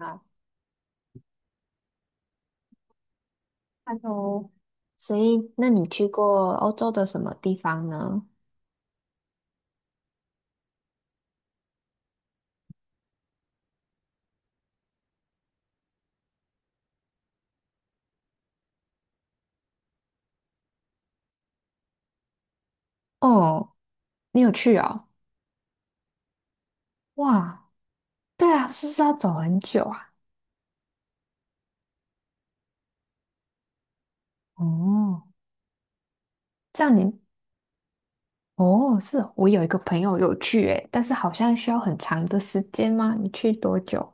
啊 h e l l o 所以那你去过欧洲的什么地方呢？哦，你有去哦？哇，对啊，是不是要走很久啊？哦，这样你哦，是哦我有一个朋友有去诶，但是好像需要很长的时间吗？你去多久？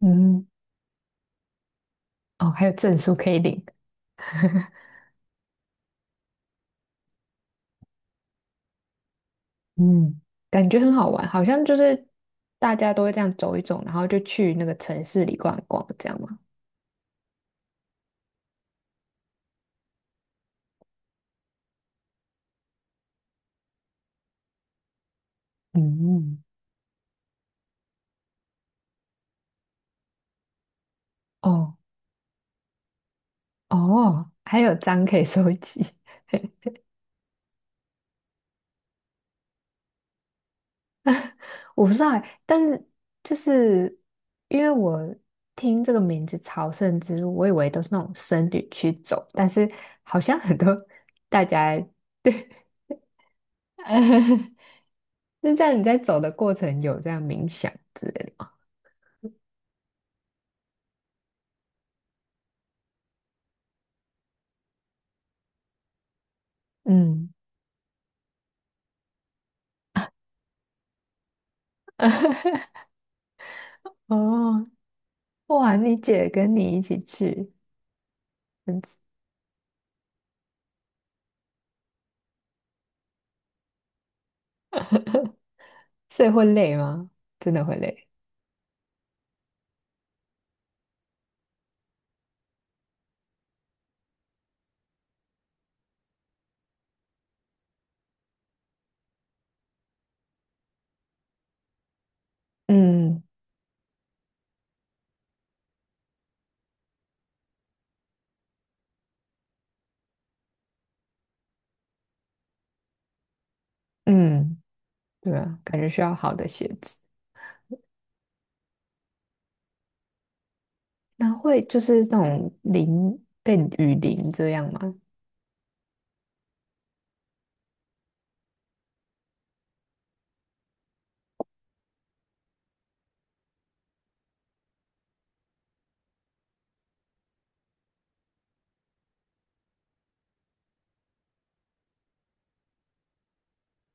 嗯。哦，还有证书可以领。嗯，感觉很好玩，好像就是大家都会这样走一走，然后就去那个城市里逛一逛，这样吗？嗯。哦哦，还有章可以收集。我不知道欸，但是就是因为我听这个名字"朝圣之路"，我以为都是那种僧侣去走，但是好像很多大家，对。那这样你在走的过程有这样冥想之类的吗？嗯。哦，哇，你姐跟你一起去。嗯，所以会累吗？真的会累。嗯。嗯，对啊，感觉需要好的鞋子。那会就是那种淋被雨淋这样吗？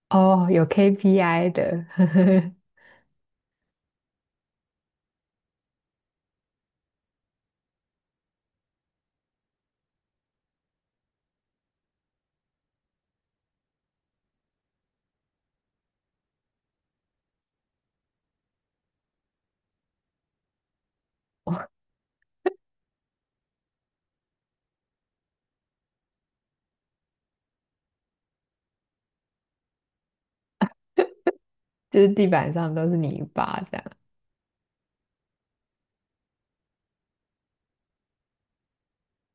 哦，有 KPI 的。就是地板上都是泥巴这样。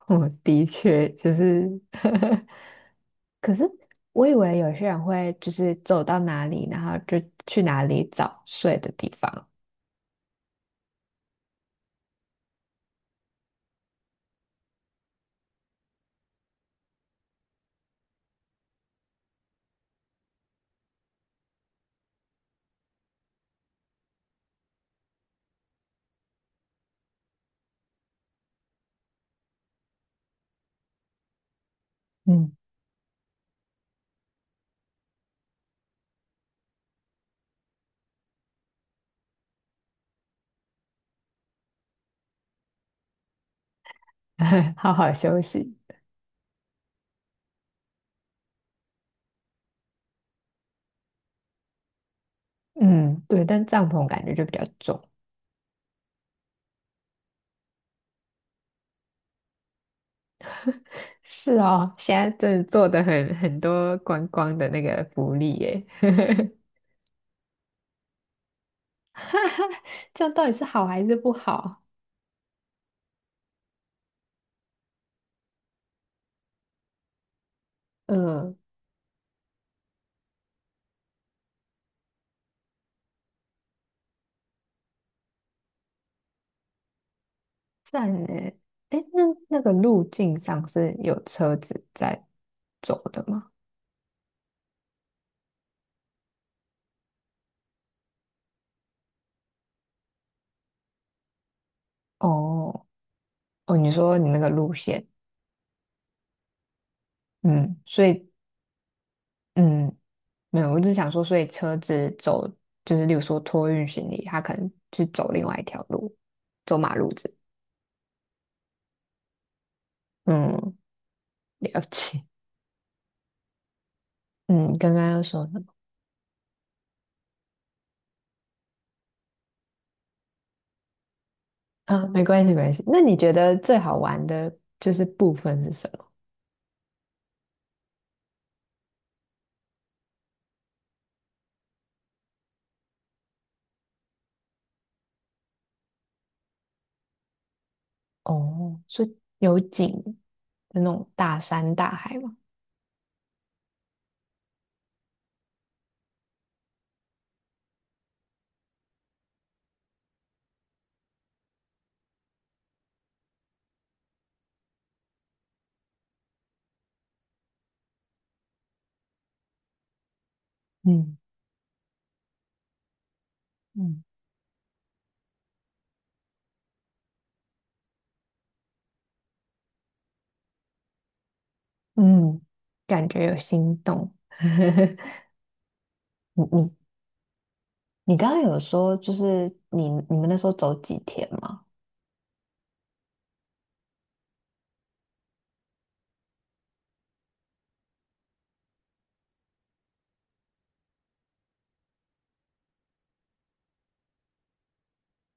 我的确就是 可是我以为有些人会就是走到哪里，然后就去哪里找睡的地方。嗯。好好休息。嗯，对，但帐篷感觉就比较重。是哦，现在真的做的很多观光的那个福利耶。哈哈，这样到底是好还是不好？嗯。站呢，诶，那那个路径上是有车子在走的吗？哦。哦，你说你那个路线。嗯，所以嗯，没有，我只想说，所以车子走就是，例如说托运行李，他可能去走另外一条路，走马路子。嗯，了解。嗯，刚刚要说什么？啊，没关系，没关系。那你觉得最好玩的就是部分是什么？哦，是有景的那种大山大海吗？嗯嗯。嗯，感觉有心动。你你你刚刚有说，就是你们那时候走几天吗？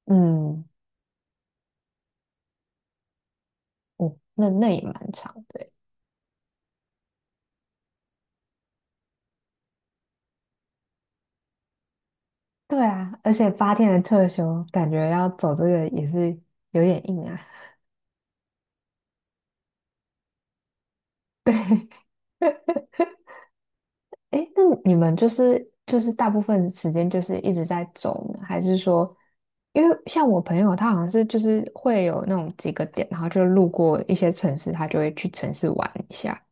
嗯。哦，那那也蛮长的欸。对啊，而且八天的特休，感觉要走这个也是有点硬啊。诶，那你们就是大部分时间就是一直在走呢，还是说，因为像我朋友他好像是就是会有那种几个点，然后就路过一些城市，他就会去城市玩一下。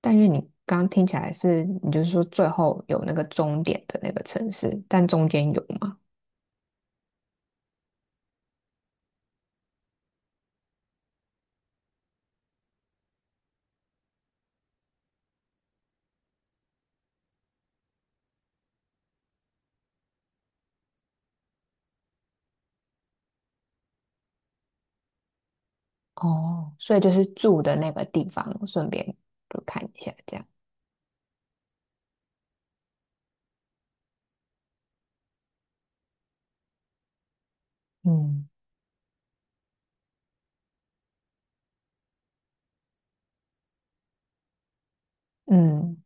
但是你刚刚听起来是，你就是说最后有那个终点的那个城市，但中间有吗？哦，所以就是住的那个地方，顺便就看一下这样。嗯。嗯，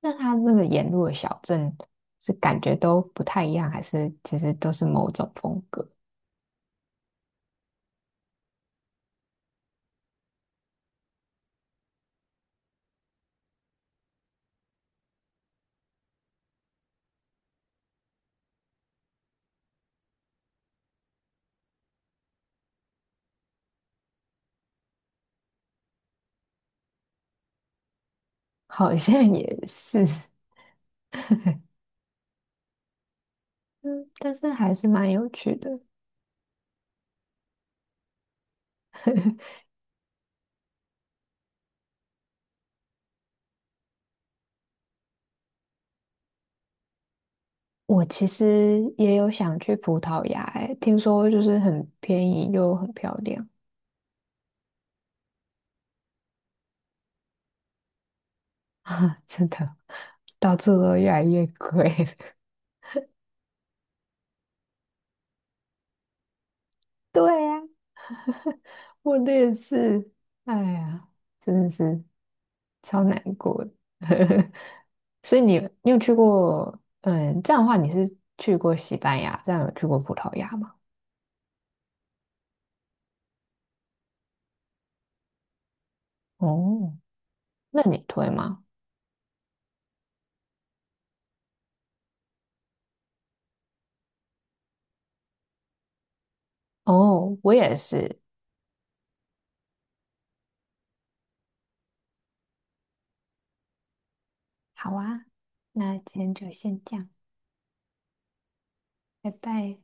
那它那个沿路的小镇是感觉都不太一样，还是其实都是某种风格？好像也是。 嗯，但是还是蛮有趣的。我其实也有想去葡萄牙，欸，听说就是很便宜又很漂亮。真的，到处都越来越贵。对呀。我的也是，哎呀，真的是超难过的。所以你，你有去过？嗯，这样的话，你是去过西班牙，这样有去过葡萄牙吗？哦，那你推吗？哦，我也是。好啊，那今天就先这样，拜拜。